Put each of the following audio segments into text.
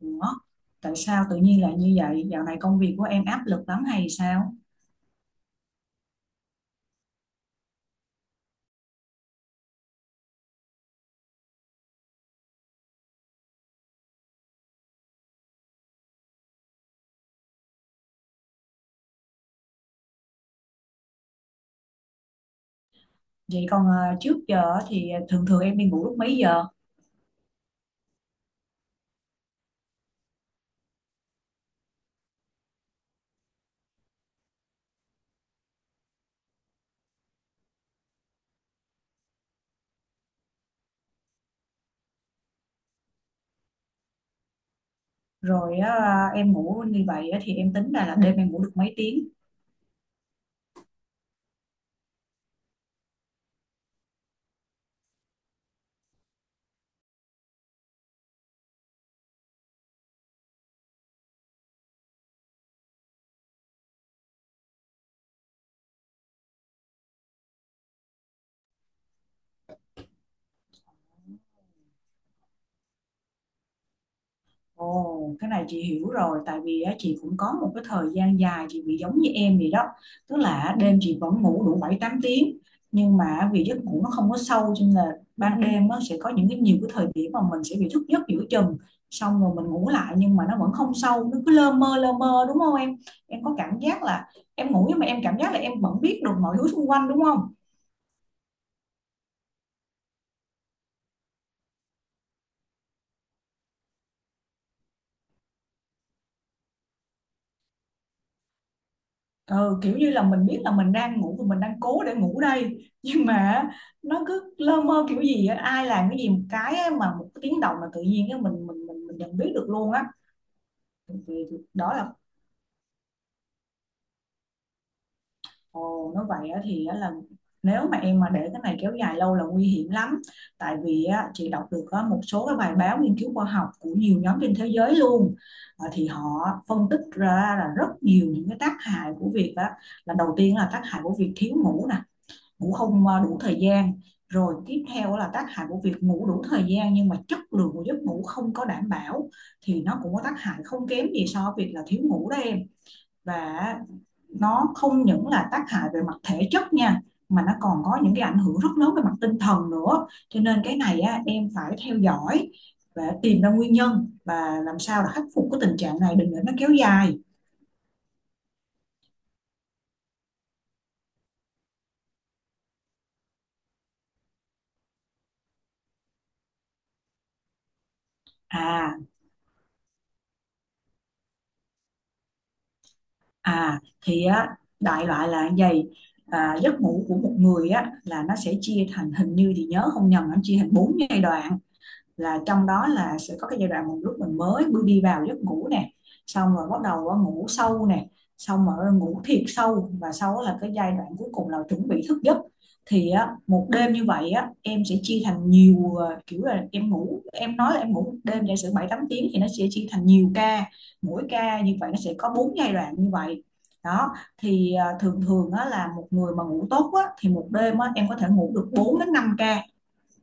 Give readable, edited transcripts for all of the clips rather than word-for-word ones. Ủa, tại sao tự nhiên lại như vậy? Dạo này công việc của em áp lực lắm hay sao? Vậy còn trước giờ á thì thường thường em đi ngủ lúc mấy giờ? Rồi á, em ngủ như vậy á thì em tính ra là đêm em ngủ được mấy tiếng? Ồ, cái này chị hiểu rồi, tại vì á, chị cũng có một cái thời gian dài chị bị giống như em vậy đó, tức là đêm chị vẫn ngủ đủ 7 8 tiếng nhưng mà vì giấc ngủ nó không có sâu cho nên là ban đêm nó sẽ có những cái nhiều cái thời điểm mà mình sẽ bị thức giấc giữa chừng, xong rồi mình ngủ lại nhưng mà nó vẫn không sâu, nó cứ lơ mơ lơ mơ, đúng không em? Em có cảm giác là em ngủ nhưng mà em cảm giác là em vẫn biết được mọi thứ xung quanh đúng không? Ừ, kiểu như là mình biết là mình đang ngủ và mình đang cố để ngủ đây nhưng mà nó cứ lơ mơ kiểu gì á, ai làm cái gì một cái á, mà một cái tiếng động là tự nhiên á, mình nhận biết được luôn á. Thì đó là ồ nó vậy á, thì á, là nếu mà em mà để cái này kéo dài lâu là nguy hiểm lắm. Tại vì á, chị đọc được á, một số cái bài báo nghiên cứu khoa học của nhiều nhóm trên thế giới luôn. Ờ, thì họ phân tích ra là rất nhiều những cái tác hại của việc á, là đầu tiên là tác hại của việc thiếu ngủ nè, ngủ không đủ thời gian, rồi tiếp theo là tác hại của việc ngủ đủ thời gian nhưng mà chất lượng của giấc ngủ không có đảm bảo thì nó cũng có tác hại không kém gì so với việc là thiếu ngủ đó em. Và nó không những là tác hại về mặt thể chất nha mà nó còn có những cái ảnh hưởng rất lớn về mặt tinh thần nữa, cho nên cái này á, em phải theo dõi và tìm ra nguyên nhân và làm sao là khắc phục cái tình trạng này đừng để nó kéo dài. À, À thì á, đại loại là như vậy. Giấc ngủ của một người á là nó sẽ chia thành, hình như thì nhớ không nhầm nó chia thành 4 giai đoạn, là trong đó là sẽ có cái giai đoạn một lúc mình mới bước đi vào giấc ngủ nè, xong rồi bắt đầu ngủ sâu nè, xong rồi ngủ thiệt sâu, và sau là cái giai đoạn cuối cùng là chuẩn bị thức giấc. Thì á, một đêm như vậy á, em sẽ chia thành nhiều kiểu là em ngủ, em nói là em ngủ một đêm giả sử 7 8 tiếng thì nó sẽ chia thành nhiều ca, mỗi ca như vậy nó sẽ có bốn giai đoạn như vậy đó. Thì thường thường á, là một người mà ngủ tốt á, thì một đêm á, em có thể ngủ được 4 đến 5 ca,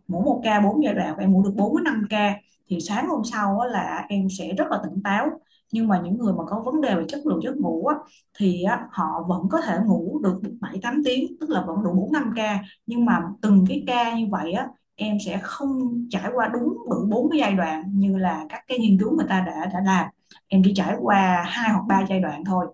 mỗi một ca 4 giai đoạn và em ngủ được 4 đến 5 ca, thì sáng hôm sau á, là em sẽ rất là tỉnh táo. Nhưng mà những người mà có vấn đề về chất lượng giấc ngủ á, thì á, họ vẫn có thể ngủ được 7 8 tiếng, tức là vẫn đủ 4 5 ca, nhưng mà từng cái ca như vậy á, em sẽ không trải qua đúng đủ bốn cái giai đoạn như là các cái nghiên cứu người ta đã làm, em chỉ trải qua hai hoặc ba giai đoạn thôi.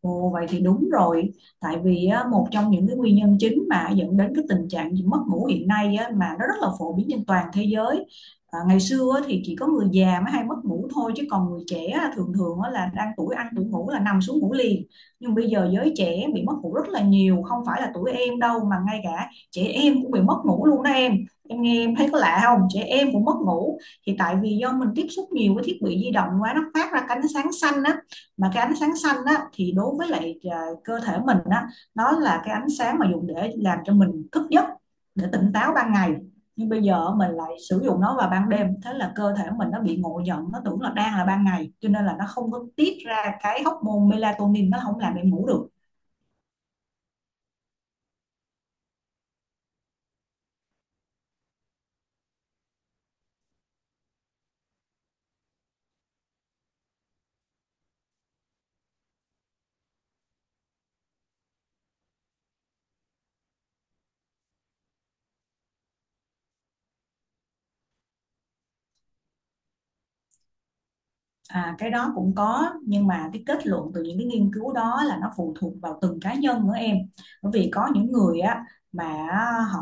Ồ, vậy thì đúng rồi. Tại vì á, một trong những cái nguyên nhân chính mà dẫn đến cái tình trạng gì mất ngủ hiện nay á, mà nó rất là phổ biến trên toàn thế giới. À, ngày xưa á, thì chỉ có người già mới hay mất ngủ thôi chứ còn người trẻ á, thường thường á, là đang tuổi ăn tuổi ngủ là nằm xuống ngủ liền. Nhưng bây giờ giới trẻ bị mất ngủ rất là nhiều, không phải là tuổi em đâu mà ngay cả trẻ em cũng bị mất ngủ luôn đó em. Em nghe em thấy có lạ không, trẻ em cũng mất ngủ. Thì tại vì do mình tiếp xúc nhiều với thiết bị di động quá, nó phát ra cái ánh sáng xanh á, mà cái ánh sáng xanh á, thì đối với lại cơ thể mình á, nó là cái ánh sáng mà dùng để làm cho mình thức giấc, để tỉnh táo ban ngày, nhưng bây giờ mình lại sử dụng nó vào ban đêm, thế là cơ thể mình nó bị ngộ nhận, nó tưởng là đang là ban ngày cho nên là nó không có tiết ra cái hormone melatonin, nó không làm em ngủ được. À, cái đó cũng có nhưng mà cái kết luận từ những cái nghiên cứu đó là nó phụ thuộc vào từng cá nhân nữa em. Bởi vì có những người á mà họ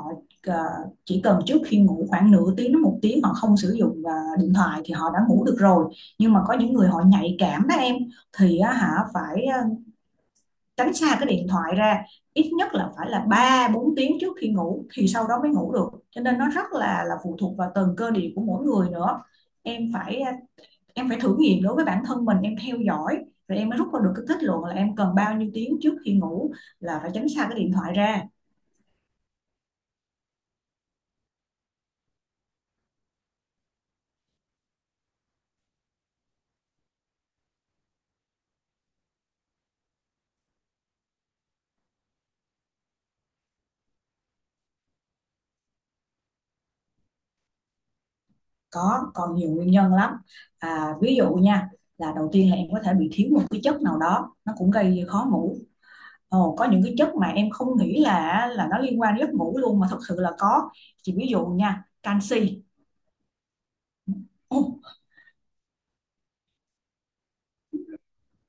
ờ, chỉ cần trước khi ngủ khoảng nửa tiếng đến 1 tiếng họ không sử dụng điện thoại thì họ đã ngủ được rồi. Nhưng mà có những người họ nhạy cảm đó em, thì á, hả phải tránh xa cái điện thoại ra ít nhất là phải là 3 4 tiếng trước khi ngủ thì sau đó mới ngủ được, cho nên nó rất là phụ thuộc vào từng cơ địa của mỗi người nữa. Em phải em phải thử nghiệm đối với bản thân mình, em theo dõi rồi em mới rút ra được cái kết luận là em cần bao nhiêu tiếng trước khi ngủ là phải tránh xa cái điện thoại ra. Có, còn nhiều nguyên nhân lắm. À, ví dụ nha, là đầu tiên là em có thể bị thiếu một cái chất nào đó nó cũng gây khó ngủ. Ồ, có những cái chất mà em không nghĩ là nó liên quan đến giấc ngủ luôn mà thật sự là có, chỉ ví dụ nha, canxi. Ồ,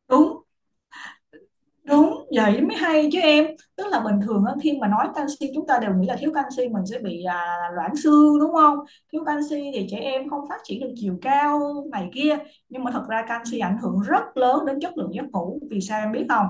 đúng. Đúng, vậy mới hay chứ em. Tức là bình thường á, khi mà nói canxi chúng ta đều nghĩ là thiếu canxi mình sẽ bị loãng xương đúng không? Thiếu canxi thì trẻ em không phát triển được chiều cao này kia. Nhưng mà thật ra canxi ảnh hưởng rất lớn đến chất lượng giấc ngủ. Vì sao em biết không?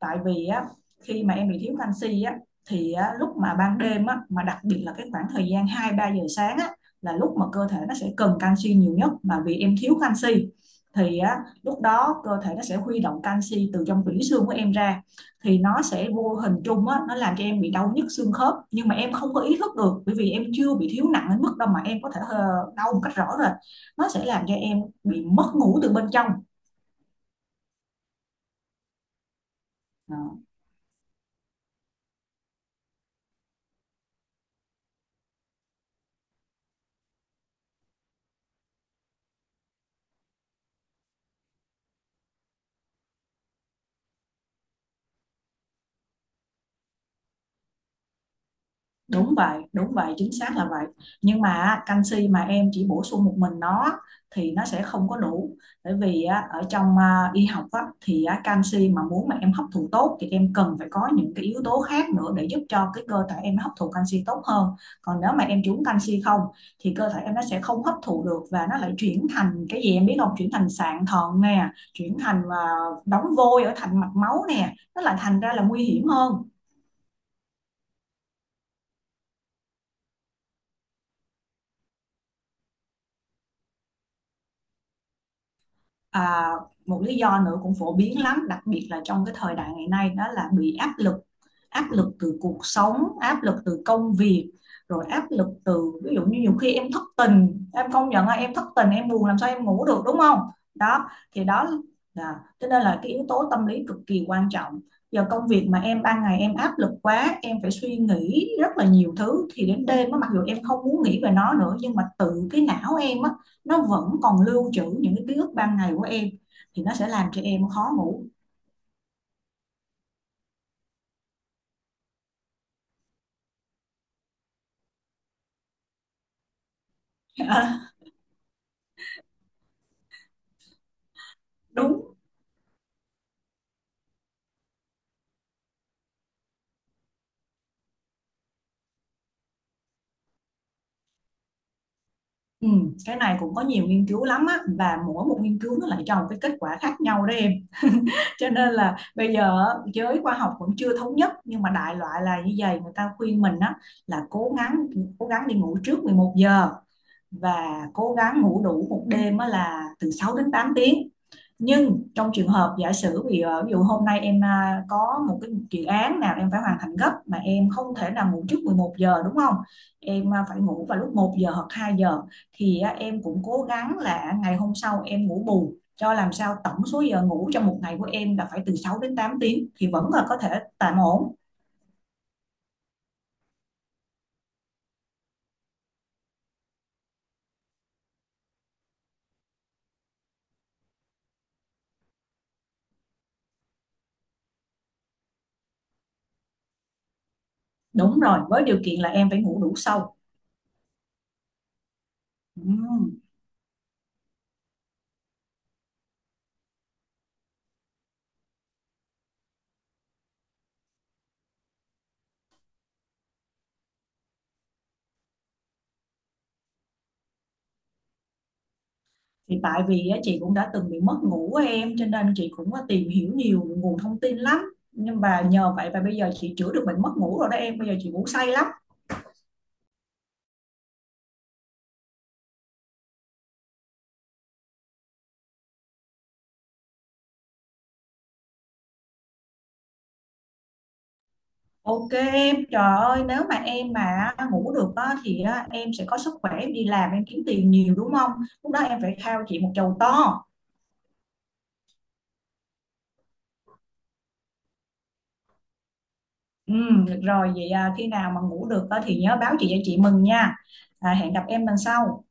Tại vì á, khi mà em bị thiếu canxi á thì á, lúc mà ban đêm á, mà đặc biệt là cái khoảng thời gian 2 3 giờ sáng á, là lúc mà cơ thể nó sẽ cần canxi nhiều nhất, mà vì em thiếu canxi thì á, lúc đó cơ thể nó sẽ huy động canxi từ trong tủy xương của em ra, thì nó sẽ vô hình chung á, nó làm cho em bị đau nhức xương khớp nhưng mà em không có ý thức được, bởi vì em chưa bị thiếu nặng đến mức đâu mà em có thể đau một cách rõ rệt, nó sẽ làm cho em bị mất ngủ từ bên trong. Đúng vậy, chính xác là vậy. Nhưng mà á, canxi mà em chỉ bổ sung một mình nó thì nó sẽ không có đủ. Bởi vì á, ở trong y học á, thì á, canxi mà muốn mà em hấp thụ tốt thì em cần phải có những cái yếu tố khác nữa để giúp cho cái cơ thể em hấp thụ canxi tốt hơn. Còn nếu mà em chỉ uống canxi không thì cơ thể em nó sẽ không hấp thụ được và nó lại chuyển thành cái gì em biết không? Chuyển thành sạn thận nè, chuyển thành đóng vôi ở thành mạch máu nè. Nó lại thành ra là nguy hiểm hơn. À, một lý do nữa cũng phổ biến lắm, đặc biệt là trong cái thời đại ngày nay, đó là bị áp lực từ cuộc sống, áp lực từ công việc, rồi áp lực từ ví dụ như nhiều khi em thất tình, em công nhận là em thất tình, em buồn làm sao em ngủ được đúng không? Đó, thì đó là cho nên là cái yếu tố tâm lý cực kỳ quan trọng. Giờ công việc mà em ban ngày em áp lực quá, em phải suy nghĩ rất là nhiều thứ thì đến đêm á, mặc dù em không muốn nghĩ về nó nữa nhưng mà tự cái não em á, nó vẫn còn lưu trữ những cái ký ức ban ngày của em thì nó sẽ làm cho em khó ngủ. Đúng. Ừ, cái này cũng có nhiều nghiên cứu lắm á, và mỗi một nghiên cứu nó lại cho một cái kết quả khác nhau đó em. Cho nên là bây giờ á, giới khoa học vẫn chưa thống nhất, nhưng mà đại loại là như vậy, người ta khuyên mình á là cố gắng, cố gắng đi ngủ trước 11 giờ và cố gắng ngủ đủ một đêm là từ 6 đến 8 tiếng. Nhưng trong trường hợp giả sử ví dụ, hôm nay em có một cái dự án nào em phải hoàn thành gấp mà em không thể nào ngủ trước 11 giờ đúng không? Em phải ngủ vào lúc 1 giờ hoặc 2 giờ thì em cũng cố gắng là ngày hôm sau em ngủ bù cho làm sao tổng số giờ ngủ trong một ngày của em là phải từ 6 đến 8 tiếng thì vẫn là có thể tạm ổn. Đúng rồi, với điều kiện là em phải ngủ đủ sâu. Ừ. Thì tại vì á, chị cũng đã từng bị mất ngủ á em, cho nên chị cũng có tìm hiểu nhiều nguồn thông tin lắm, nhưng mà nhờ vậy mà bây giờ chị chữa được bệnh mất ngủ rồi đó em, bây giờ chị ngủ say lắm. OK em, trời ơi, nếu mà em mà ngủ được á, thì á, em sẽ có sức khỏe, em đi làm em kiếm tiền nhiều đúng không, lúc đó em phải khao chị một chầu to. Ừ, được rồi, vậy à, khi nào mà ngủ được á, thì nhớ báo chị cho chị mừng nha. À, hẹn gặp em lần sau.